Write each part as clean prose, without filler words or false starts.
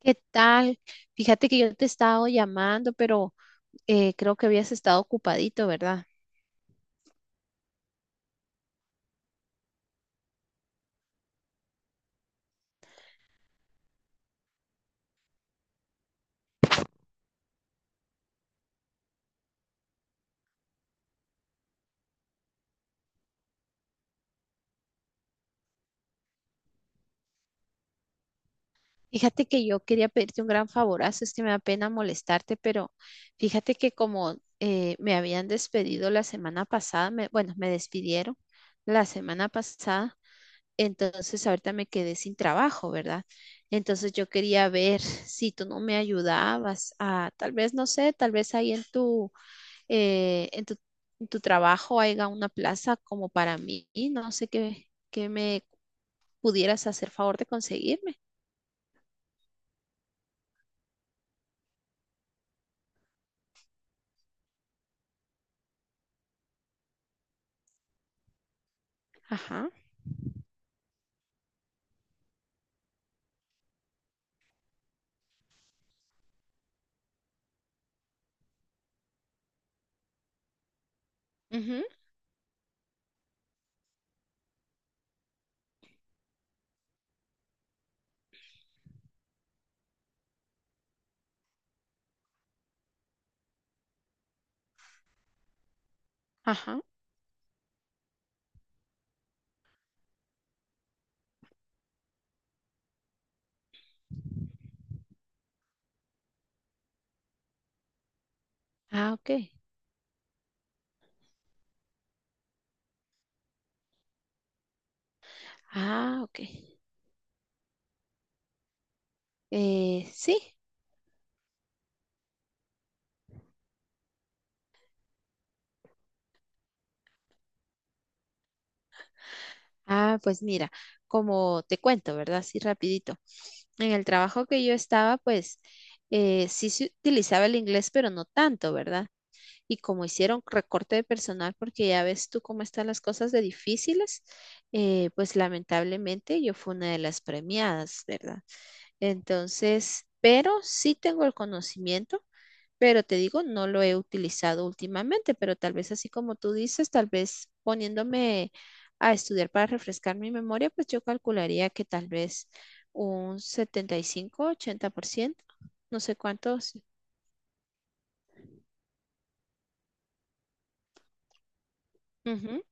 ¿Qué tal? Fíjate que yo te he estado llamando, pero creo que habías estado ocupadito, ¿verdad? Fíjate que yo quería pedirte un gran favorazo, es que me da pena molestarte, pero fíjate que como me habían despedido la semana pasada, bueno, me despidieron la semana pasada, entonces ahorita me quedé sin trabajo, ¿verdad? Entonces yo quería ver si tú no me ayudabas a, tal vez, no sé, tal vez ahí eh, en tu, en tu trabajo haya una plaza como para mí. Y no sé qué, me pudieras hacer favor de conseguirme. Ajá. Ujú. Ajá. Ah, ok. Ah, ok. Sí. Ah, pues mira, como te cuento, ¿verdad? Así rapidito. En el trabajo que yo estaba, pues sí se utilizaba el inglés, pero no tanto, ¿verdad? Y como hicieron recorte de personal, porque ya ves tú cómo están las cosas de difíciles, pues lamentablemente yo fui una de las premiadas, ¿verdad? Entonces, pero sí tengo el conocimiento, pero te digo, no lo he utilizado últimamente, pero tal vez así como tú dices, tal vez poniéndome a estudiar para refrescar mi memoria, pues yo calcularía que tal vez un 75, 80%, no sé cuántos. Ujú.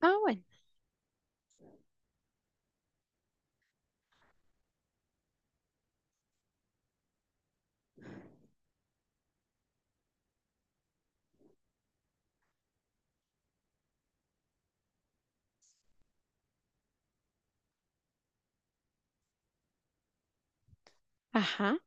Ah, bueno. Ajá.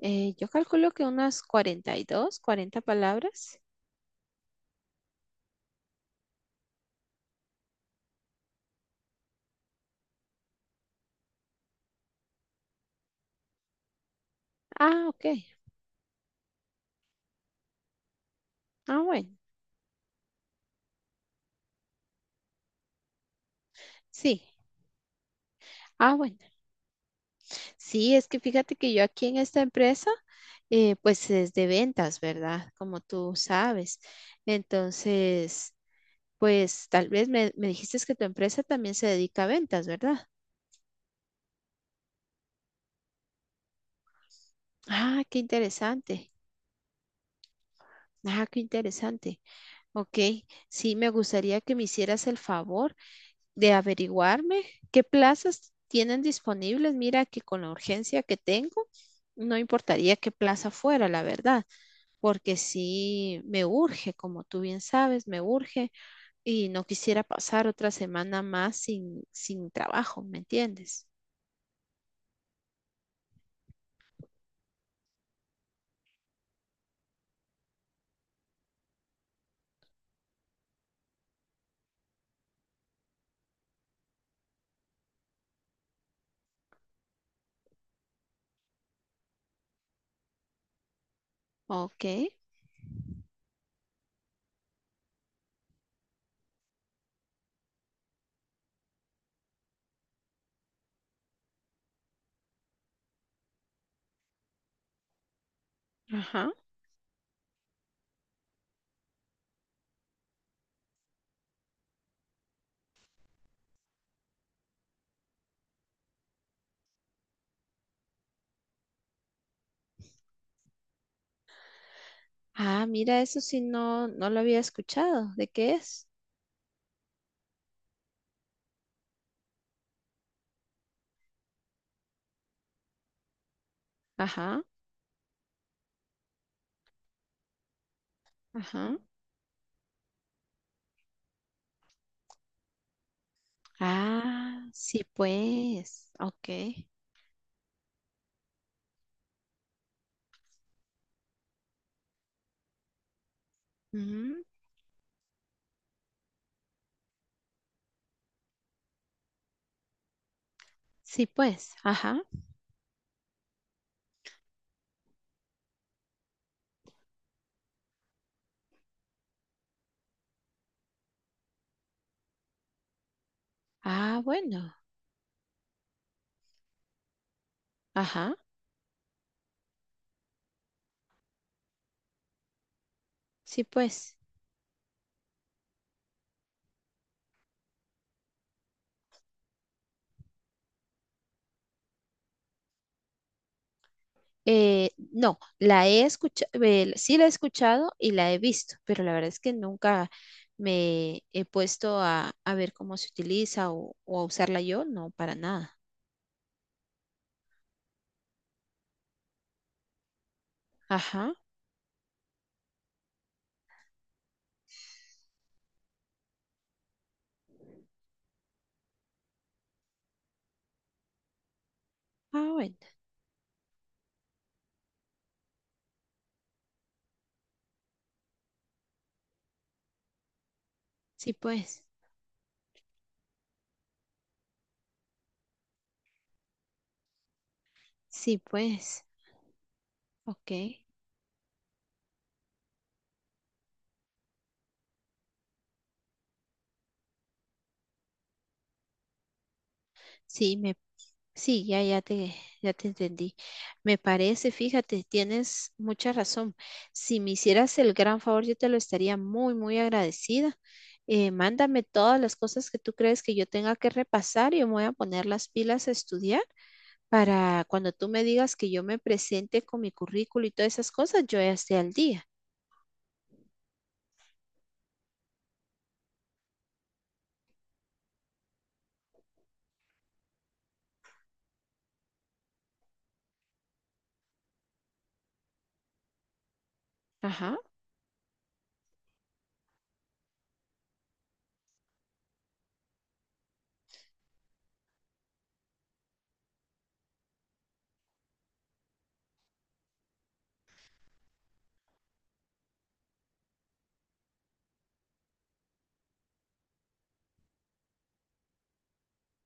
Yo calculo que unas 42, 40 palabras. Ah, ok. Ah, bueno. Sí. Ah, bueno. Sí, es que fíjate que yo aquí en esta empresa, pues es de ventas, ¿verdad? Como tú sabes. Entonces, pues tal vez me dijiste que tu empresa también se dedica a ventas, ¿verdad? Ah, qué interesante. Ah, qué interesante. Ok, sí, me gustaría que me hicieras el favor de averiguarme qué plazas tienen disponibles. Mira que con la urgencia que tengo, no importaría qué plaza fuera, la verdad, porque sí me urge, como tú bien sabes, me urge y no quisiera pasar otra semana más sin trabajo, ¿me entiendes? Ok, ajá. Ah, mira, eso sí no, no lo había escuchado. ¿De qué es? Ajá, ajá. Ah, sí pues, ok. Ujú, sí pues, ajá. Ah, bueno, ajá, sí, pues. No, la he escuchado, sí la he escuchado y la he visto, pero la verdad es que nunca me he puesto a ver cómo se utiliza o a usarla yo, no, para nada. Ajá, ah, bueno, sí, pues, sí, pues, ok. Sí, sí, ya te entendí. Me parece, fíjate, tienes mucha razón. Si me hicieras el gran favor, yo te lo estaría muy, muy agradecida. Mándame todas las cosas que tú crees que yo tenga que repasar. Y yo me voy a poner las pilas a estudiar para cuando tú me digas que yo me presente con mi currículo y todas esas cosas, yo ya esté al día. Ajá,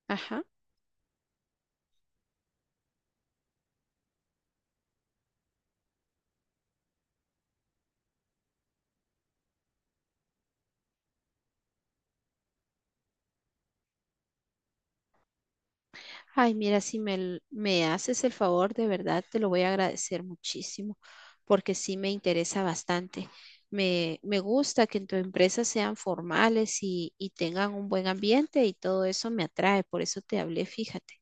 ajá. Ay, mira, si me haces el favor, de verdad te lo voy a agradecer muchísimo, porque sí me interesa bastante. Me gusta que en tu empresa sean formales y tengan un buen ambiente y todo eso me atrae, por eso te hablé, fíjate.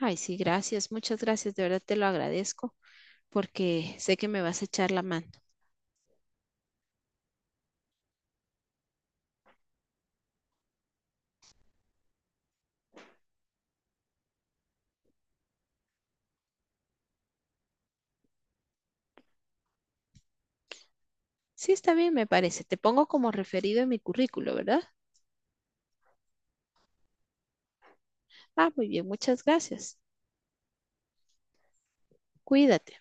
Ay, sí, gracias, muchas gracias, de verdad te lo agradezco, porque sé que me vas a echar la mano. Sí, está bien, me parece. Te pongo como referido en mi currículo, ¿verdad? Ah, muy bien, muchas gracias. Cuídate.